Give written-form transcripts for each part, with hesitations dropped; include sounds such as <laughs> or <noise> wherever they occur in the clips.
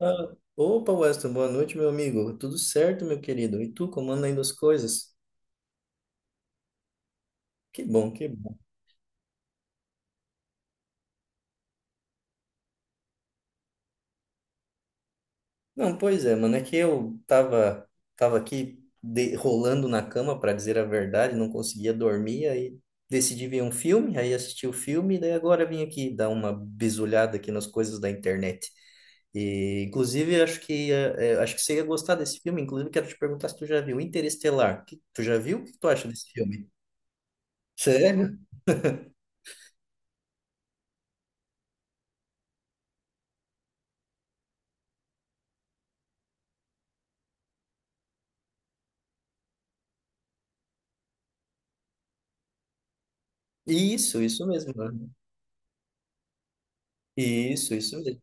Ah, opa, Weston, boa noite, meu amigo. Tudo certo, meu querido? E tu, como anda indo as coisas? Que bom, que bom. Não, pois é, mano, é que eu tava aqui rolando na cama, para dizer a verdade, não conseguia dormir, aí decidi ver um filme, aí assisti o filme, daí agora vim aqui dar uma bisulhada aqui nas coisas da internet. E, inclusive, acho que acho que você ia gostar desse filme, inclusive quero te perguntar se tu já viu Interestelar. Tu já viu? O que tu acha desse filme? Sério? Isso mesmo, né? Isso mesmo.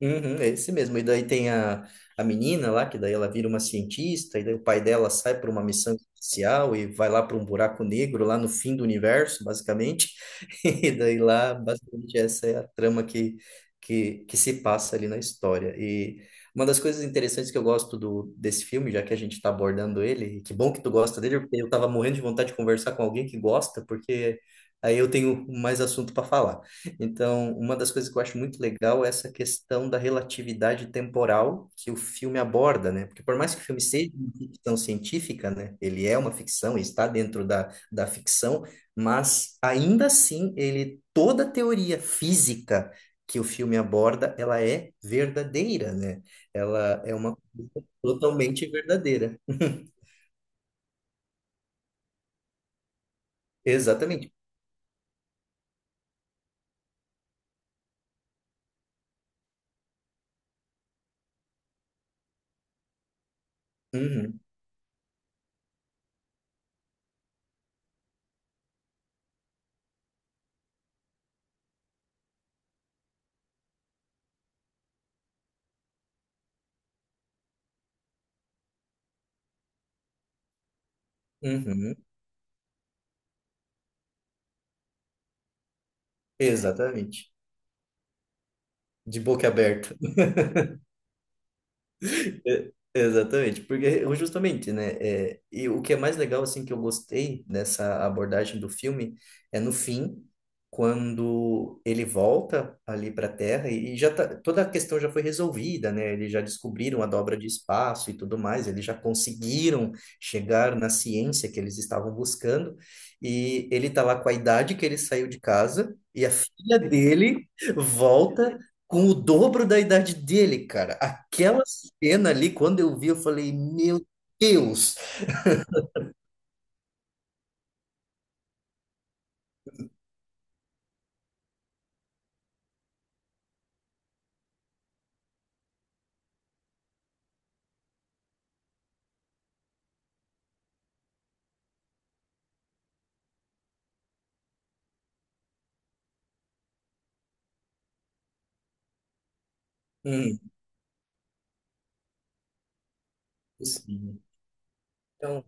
Uhum, é esse mesmo. E daí tem a menina lá, que daí ela vira uma cientista, e daí o pai dela sai para uma missão espacial e vai lá para um buraco negro, lá no fim do universo, basicamente. <laughs> E daí lá, basicamente, essa é a trama que se passa ali na história. E uma das coisas interessantes que eu gosto desse filme, já que a gente está abordando ele, e que bom que tu gosta dele, porque eu estava morrendo de vontade de conversar com alguém que gosta, porque aí eu tenho mais assunto para falar. Então, uma das coisas que eu acho muito legal é essa questão da relatividade temporal que o filme aborda, né? Porque por mais que o filme seja uma ficção científica, né? Ele é uma ficção, ele está dentro da ficção, mas ainda assim, ele toda a teoria física que o filme aborda, ela é verdadeira, né? Ela é uma totalmente verdadeira. <laughs> Exatamente. Uhum, uhum, exatamente. De boca aberta. É, exatamente, porque justamente, né, é, e o que é mais legal, assim, que eu gostei dessa abordagem do filme é no fim, quando ele volta ali para a Terra e já tá, toda a questão já foi resolvida, né, eles já descobriram a dobra de espaço e tudo mais, eles já conseguiram chegar na ciência que eles estavam buscando e ele tá lá com a idade que ele saiu de casa e a filha dele volta com o dobro da idade dele, cara. Aquela cena ali, quando eu vi, eu falei, meu Deus! Hum, sim. Então,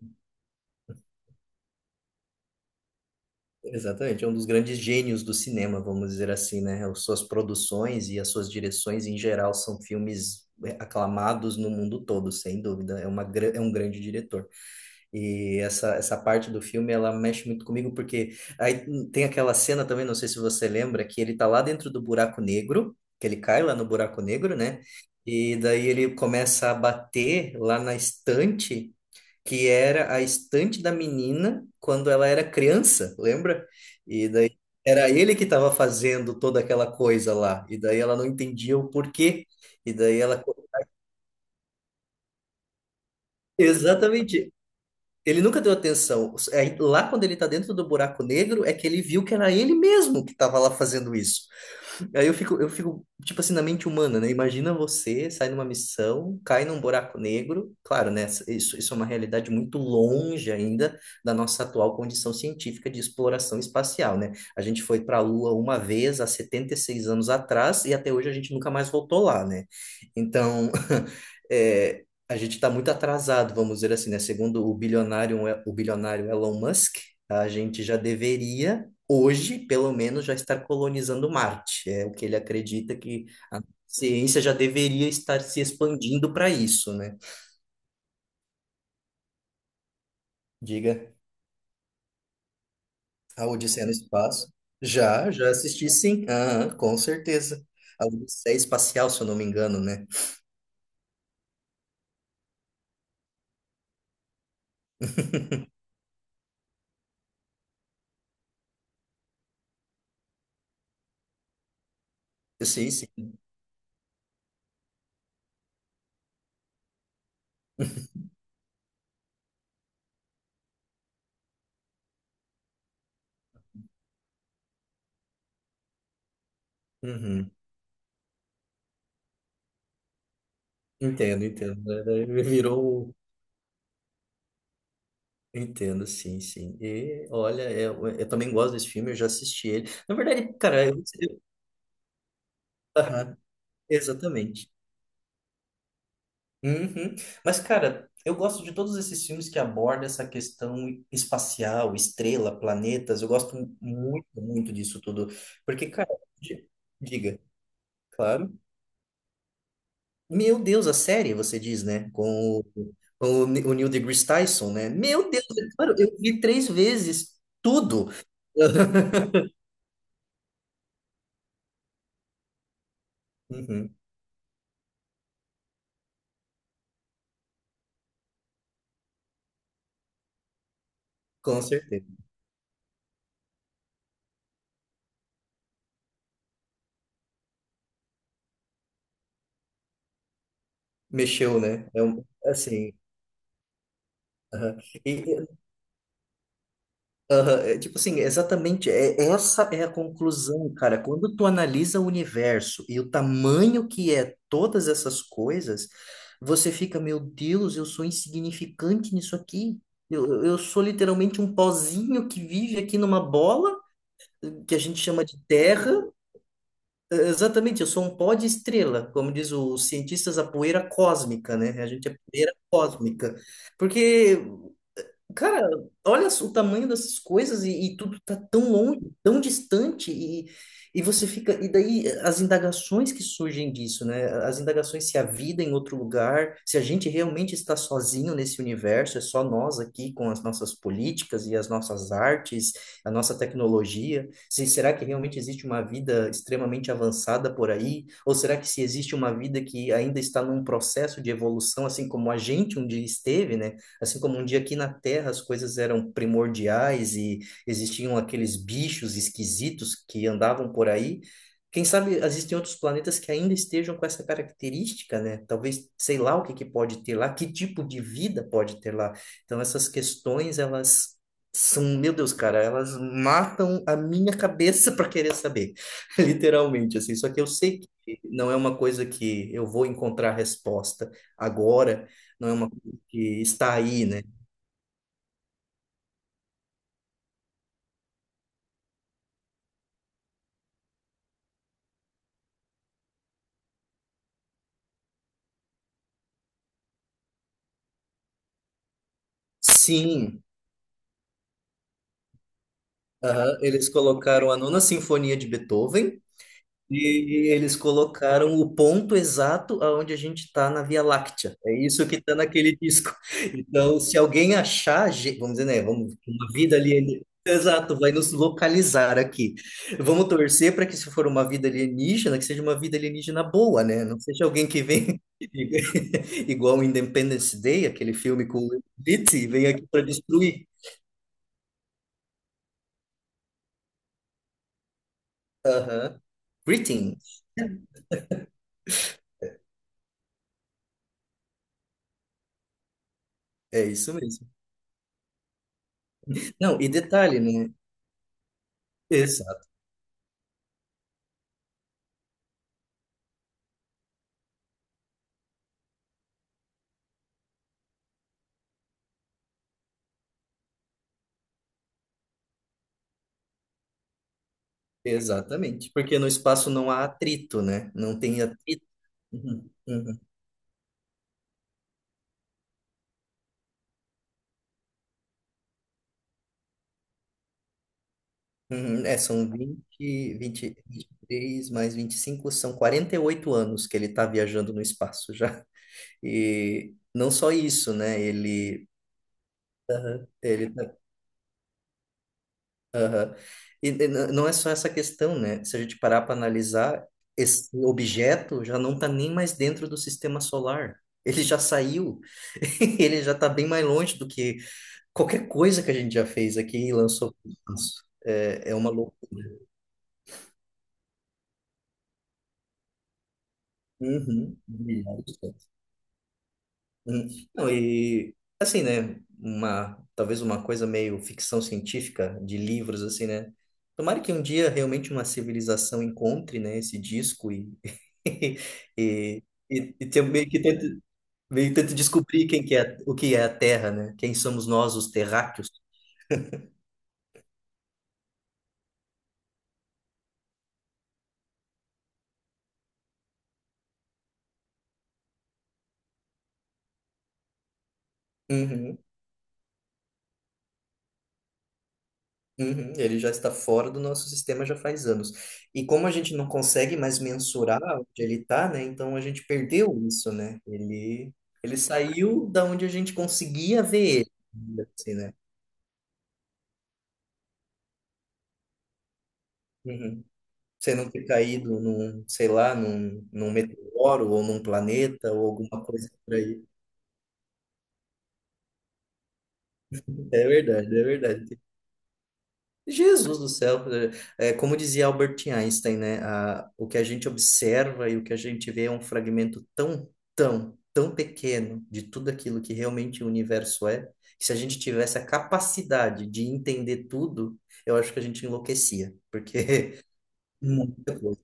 exatamente, é um dos grandes gênios do cinema, vamos dizer assim, né? As suas produções e as suas direções em geral são filmes é, aclamados no mundo todo, sem dúvida. É uma, é um grande diretor. E essa parte do filme, ela mexe muito comigo, porque aí tem aquela cena também, não sei se você lembra, que ele tá lá dentro do buraco negro, que ele cai lá no buraco negro, né? E daí ele começa a bater lá na estante, que era a estante da menina quando ela era criança, lembra? E daí era ele que estava fazendo toda aquela coisa lá, e daí ela não entendia o porquê, e daí ela... <laughs> Exatamente. Ele nunca deu atenção. É, lá quando ele tá dentro do buraco negro, é que ele viu que era ele mesmo que tava lá fazendo isso. Aí eu fico, tipo assim, na mente humana, né? Imagina você sai numa missão, cai num buraco negro. Claro, né? Isso é uma realidade muito longe ainda da nossa atual condição científica de exploração espacial, né? A gente foi para a Lua uma vez há 76 anos atrás e até hoje a gente nunca mais voltou lá, né? Então, <laughs> é, a gente está muito atrasado, vamos dizer assim, né? Segundo o bilionário Elon Musk, a gente já deveria hoje, pelo menos, já estar colonizando Marte. É o que ele acredita que a ciência já deveria estar se expandindo para isso, né? Diga, a Odisseia no Espaço. Já assisti sim, ah, com certeza. A Odisseia Espacial, se eu não me engano, né? Sim, sim. Uhum. Entendo, entendo. É, é, virou um, entendo, sim, sim. E olha, eu também gosto desse filme, eu já assisti ele. Na verdade, cara, eu. Aham, exatamente. Uhum. Mas, cara, eu gosto de todos esses filmes que abordam essa questão espacial, estrela, planetas. Eu gosto muito, muito disso tudo. Porque, cara, di- diga, claro. Meu Deus, a série, você diz, né? Com o Neil deGrasse Tyson, né? Meu Deus, é claro, eu vi três vezes tudo. <laughs> Uhum, com certeza. Mexeu, né? É um, assim. Aham. E, aham, é, tipo assim, é exatamente, é, essa é a conclusão, cara. Quando tu analisa o universo e o tamanho que é todas essas coisas, você fica, meu Deus, eu sou insignificante nisso aqui. Eu sou literalmente um pozinho que vive aqui numa bola, que a gente chama de terra. É, exatamente, eu sou um pó de estrela, como diz os cientistas, a poeira cósmica, né? A gente é poeira cósmica. Porque cara, olha só o tamanho dessas coisas e tudo tá tão longe, tão distante e você fica e daí as indagações que surgem disso, né? As indagações se a vida é em outro lugar, se a gente realmente está sozinho nesse universo, é só nós aqui com as nossas políticas e as nossas artes, a nossa tecnologia. Se será que realmente existe uma vida extremamente avançada por aí? Ou será que se existe uma vida que ainda está num processo de evolução, assim como a gente um dia esteve, né? Assim como um dia aqui na Terra as coisas eram primordiais e existiam aqueles bichos esquisitos que andavam por aí, quem sabe existem outros planetas que ainda estejam com essa característica, né? Talvez, sei lá o que que pode ter lá, que tipo de vida pode ter lá. Então essas questões, elas são, meu Deus, cara, elas matam a minha cabeça <laughs> para querer saber, <laughs> literalmente, assim. Só que eu sei que não é uma coisa que eu vou encontrar resposta agora, não é uma que está aí, né? Sim, aham, eles colocaram a Nona Sinfonia de Beethoven e eles colocaram o ponto exato aonde a gente está na Via Láctea. É isso que está naquele disco. <laughs> Então, se alguém achar, vamos dizer, né? Vamos, uma vida alienígena. Exato, vai nos localizar aqui. Vamos torcer para que, se for uma vida alienígena, que seja uma vida alienígena boa, né? Não seja alguém que vem <laughs> igual o Independence Day, aquele filme com o Will Smith, e vem aqui para destruir. Aham. Greeting. É isso mesmo. Não, e detalhe, né? Exato, exatamente. Porque no espaço não há atrito, né? Não tem atrito. Uhum, uhum, uhum. É, são vinte e 23 mais 25, são 48 anos que ele está viajando no espaço já. E não só isso, né? Ele, aham, ele tá. Não é só essa questão, né? Se a gente parar para analisar, esse objeto já não está nem mais dentro do sistema solar. Ele já saiu, <laughs> ele já está bem mais longe do que qualquer coisa que a gente já fez aqui e lançou para espaço. É, é uma loucura. Uhum. Hum, não, e assim, né? Uma, talvez uma coisa meio ficção científica de livros, assim, né? Tomara que um dia realmente uma civilização encontre, né, esse disco <laughs> e, e, e tem- meio que tente, meio que tente descobrir quem que é, o que é a Terra, né? Quem somos nós, os terráqueos. Uhum. Uhum, ele já está fora do nosso sistema já faz anos. E como a gente não consegue mais mensurar onde ele está, né? Então a gente perdeu isso, né? Ele saiu da onde a gente conseguia ver ele, ainda assim, né? Uhum. Você não ter caído num, sei lá, num meteoro ou num planeta ou alguma coisa por aí. É verdade, é verdade. Jesus do céu, é, é, como dizia Albert Einstein, né? A, o que a gente observa e o que a gente vê é um fragmento tão, tão, tão pequeno de tudo aquilo que realmente o universo é, que se a gente tivesse a capacidade de entender tudo, eu acho que a gente enlouquecia, porque <laughs> muita coisa.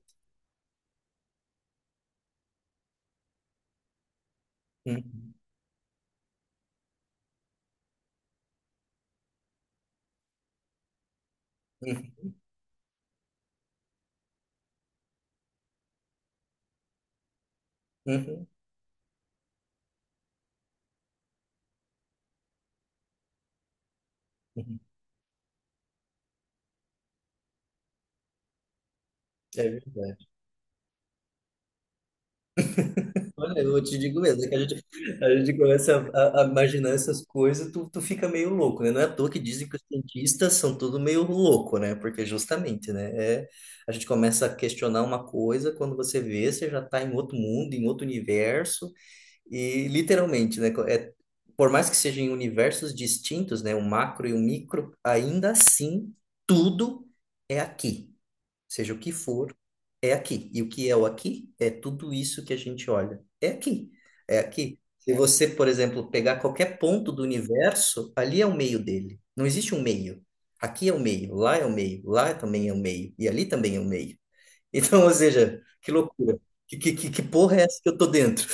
Uhum, uhum, uhum, uhum. É verdade. Olha, eu te digo mesmo, é que a gente começa a imaginar essas coisas, tu fica meio louco, né? Não é à toa que dizem que os cientistas são tudo meio louco, né? Porque justamente, né? É, a gente começa a questionar uma coisa, quando você vê, você já está em outro mundo, em outro universo, e literalmente, né? É, por mais que sejam em universos distintos, né? O macro e o micro, ainda assim, tudo é aqui seja o que for, é aqui. E o que é o aqui é tudo isso que a gente olha. É aqui. É aqui. Se você, por exemplo, pegar qualquer ponto do universo, ali é o meio dele. Não existe um meio. Aqui é o meio, lá é o meio, lá também é o meio, e ali também é o meio. <laughs> Então, ou seja, que loucura. Que porra é essa que eu tô dentro?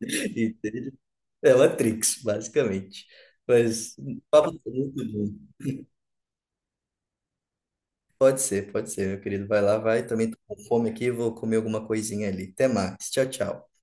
<laughs> Entende? É Matrix, basicamente. Mas o papo tá muito bom. Pode ser, meu querido. Vai lá, vai. Também tô com fome aqui, vou comer alguma coisinha ali. Até mais. Tchau, tchau.